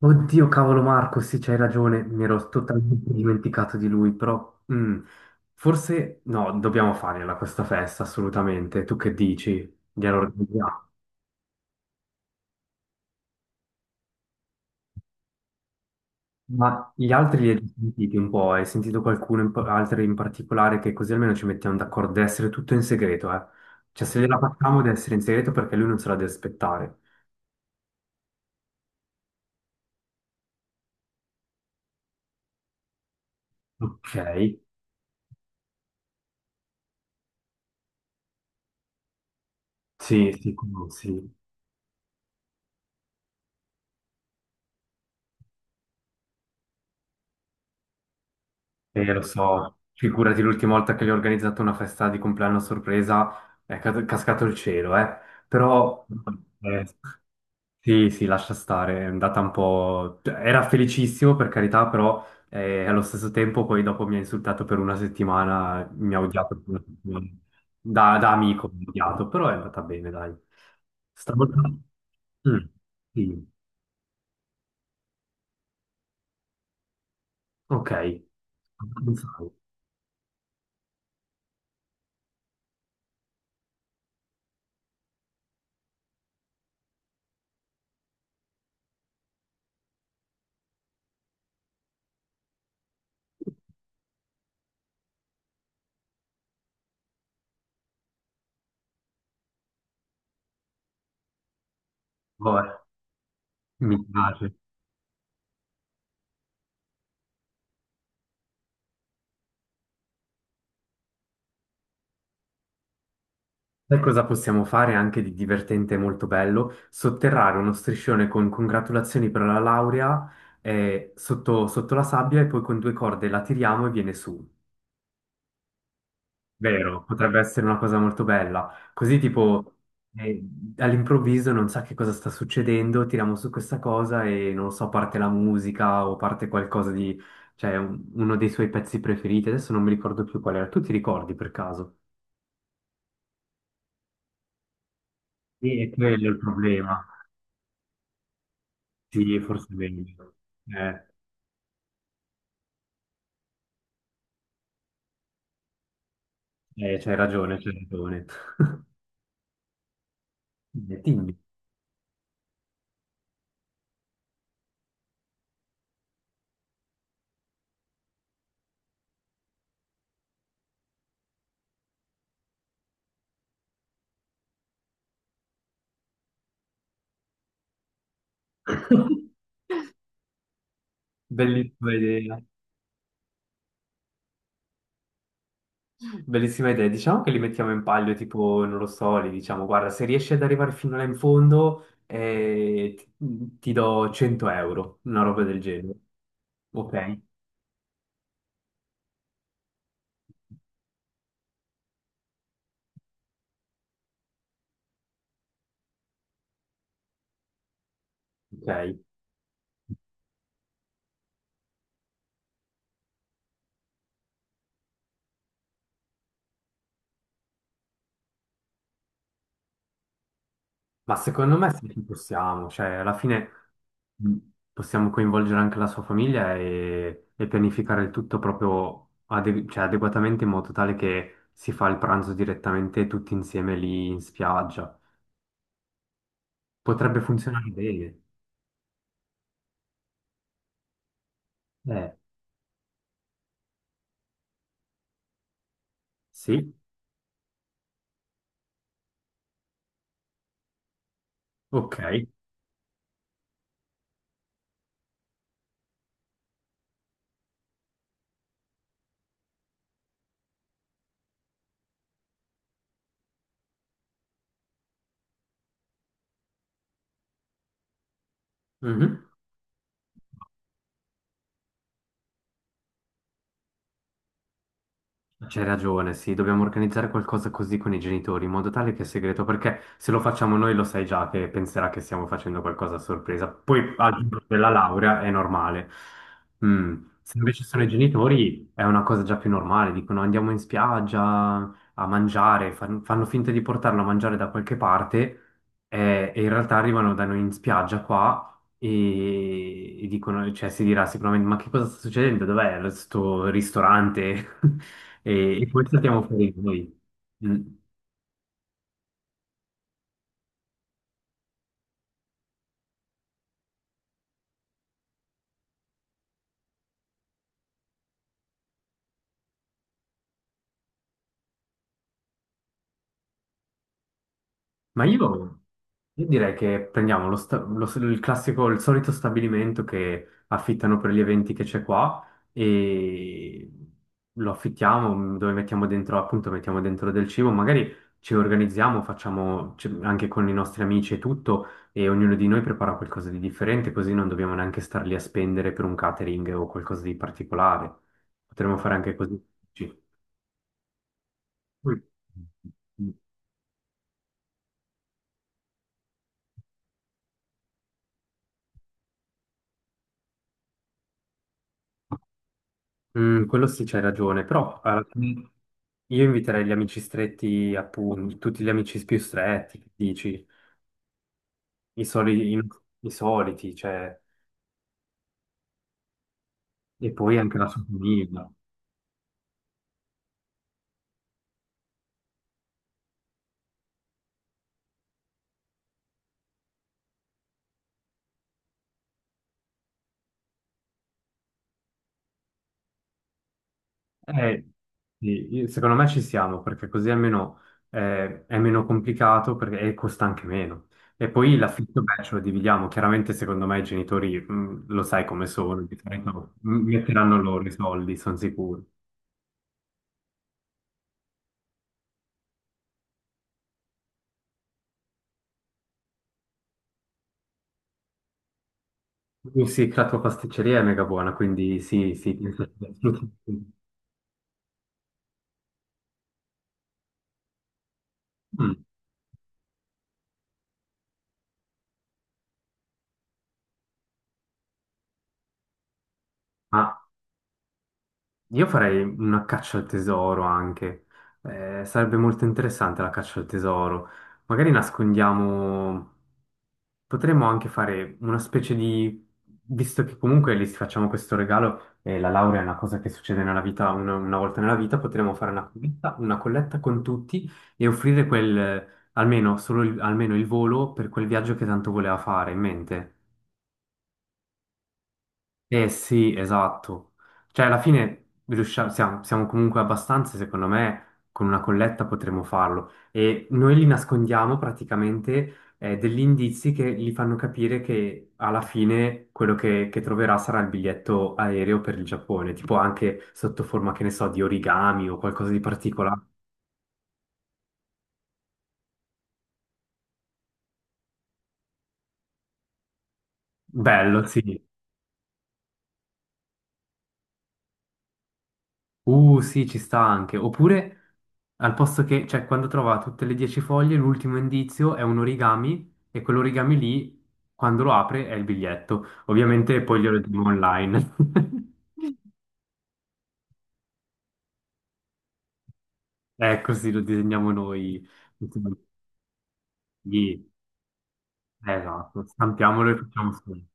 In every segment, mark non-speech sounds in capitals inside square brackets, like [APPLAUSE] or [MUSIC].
Oddio, cavolo Marco, sì, c'hai ragione, mi ero totalmente dimenticato di lui, però forse no, dobbiamo farla questa festa, assolutamente. Tu che dici? Gliela organizziamo. Ma gli altri li hai già sentiti un po'? Hai sentito qualcuno, altri in particolare, che così almeno ci mettiamo d'accordo, deve essere tutto in segreto, eh? Cioè, se gliela facciamo deve essere in segreto perché lui non se la deve aspettare. Ok, sì, sì, sì. Lo so, figurati l'ultima volta che gli ho organizzato una festa di compleanno a sorpresa, è cascato il cielo, eh. Però, eh, sì, sì, lascia stare, è andata un po' cioè, era felicissimo, per carità, però allo stesso tempo poi dopo mi ha insultato per una settimana, mi ha odiato per una settimana. Da amico mi ha odiato, però è andata bene, dai. Stavolta... Mm, sì, ok. Pensavo. Vabbè, mi piace. Sai cosa possiamo fare anche di divertente e molto bello? Sotterrare uno striscione con congratulazioni per la laurea, sotto la sabbia e poi con due corde la tiriamo e viene su. Vero, potrebbe essere una cosa molto bella. Così tipo eh, all'improvviso non sa che cosa sta succedendo, tiriamo su questa cosa e non lo so, parte la musica o parte qualcosa di... cioè uno dei suoi pezzi preferiti. Adesso non mi ricordo più qual era. Tu ti ricordi per caso? Sì, è quello il problema. Sì, forse è meglio. Eh, c'hai ragione, c'hai ragione. [LAUGHS] Eh, Quindi, bellissima idea. Bellissima idea. Diciamo che li mettiamo in palio, tipo, non lo so, li diciamo, guarda, se riesci ad arrivare fino là in fondo, ti do 100 euro, una roba del genere. Ok? Ok. Ma secondo me sì, ci possiamo, cioè alla fine mh, possiamo coinvolgere anche la sua famiglia e pianificare il tutto proprio cioè, adeguatamente in modo tale che si fa il pranzo direttamente tutti insieme lì in spiaggia. Potrebbe funzionare bene. Eh, sì, ok. Mhm. C'hai ragione, sì, dobbiamo organizzare qualcosa così con i genitori, in modo tale che è segreto, perché se lo facciamo noi lo sai già che penserà che stiamo facendo qualcosa a sorpresa. Poi al giorno della laurea è normale. Mm, se invece sono i genitori è una cosa già più normale, dicono andiamo in spiaggia a mangiare, fanno finta di portarlo a mangiare da qualche parte, e in realtà arrivano da noi in spiaggia qua e dicono, cioè si dirà sicuramente, ma che cosa sta succedendo? Sto ristorante? [LAUGHS] E poi saltiamo fuori noi. Mm. Ma io, io direi che prendiamo il classico, il solito stabilimento che affittano per gli eventi che c'è qua e lo affittiamo, dove mettiamo dentro, appunto, mettiamo dentro del cibo, magari ci organizziamo, facciamo anche con i nostri amici e tutto e ognuno di noi prepara qualcosa di differente, così non dobbiamo neanche star lì a spendere per un catering o qualcosa di particolare. Potremmo fare anche così. Mm. Mm, quello sì, c'hai ragione, però alla fine io inviterei gli amici stretti, appunto, tutti gli amici più stretti, che dici, no, i soliti, cioè, e poi anche la sua famiglia. Eh, sì, secondo me ci siamo, perché così almeno è meno complicato e costa anche meno. E poi l'affitto, beh, ce lo dividiamo. Chiaramente, secondo me, i genitori, lo sai come sono, di solito, metteranno loro i soldi, sono sicuro. Sì, la tua pasticceria è mega buona, quindi sì, sì. [LAUGHS] Mm, Ma Io farei una caccia al tesoro anche. Sarebbe molto interessante la caccia al tesoro. Magari nascondiamo. Potremmo anche fare una specie di. Visto che comunque lì facciamo questo regalo, e la laurea è una cosa che succede nella vita, una volta nella vita, potremmo fare una colletta con tutti e offrire quel, almeno, almeno il volo per quel viaggio che tanto voleva fare in mente. Eh sì, esatto. Cioè, alla fine riusciamo, siamo comunque abbastanza, secondo me, con una colletta potremo farlo. E noi li nascondiamo praticamente, degli indizi che gli fanno capire che alla fine quello che troverà sarà il biglietto aereo per il Giappone, tipo anche sotto forma, che ne so, di origami o qualcosa di particolare. Bello, sì. Sì, ci sta anche. Oppure, al posto che, cioè, quando trova tutte le 10 foglie, l'ultimo indizio è un origami e quell'origami lì, quando lo apre, è il biglietto. Ovviamente poi glielo diamo online. [LAUGHS] È così, lo disegniamo noi. Sì, Esatto, stampiamolo e facciamo su.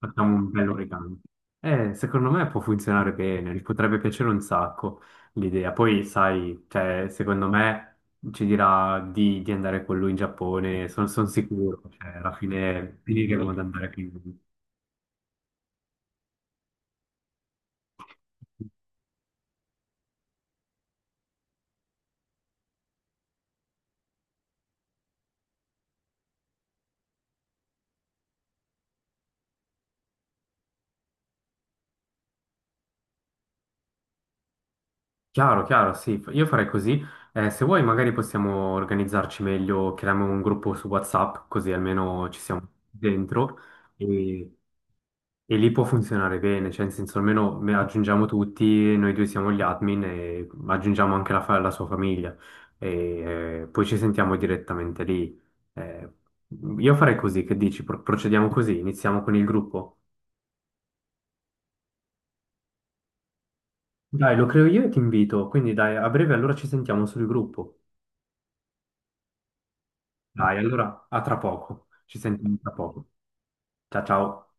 Facciamo un bello regalo. Secondo me può funzionare bene, gli potrebbe piacere un sacco l'idea. Poi, sai, cioè, secondo me ci dirà di andare con lui in Giappone, sono sicuro, cioè, alla fine finiremo ad andare con lui. Chiaro, chiaro, sì, io farei così. Se vuoi magari possiamo organizzarci meglio, creiamo un gruppo su WhatsApp, così almeno ci siamo dentro. E... e lì può funzionare bene, cioè in senso almeno aggiungiamo tutti, noi due siamo gli admin e aggiungiamo anche la sua famiglia e poi ci sentiamo direttamente lì. Eh, io farei così, che dici? Procediamo così, iniziamo con il gruppo. Dai, lo creo io e ti invito, quindi dai, a breve allora ci sentiamo sul gruppo. Dai, allora a tra poco, ci sentiamo tra poco. Ciao ciao.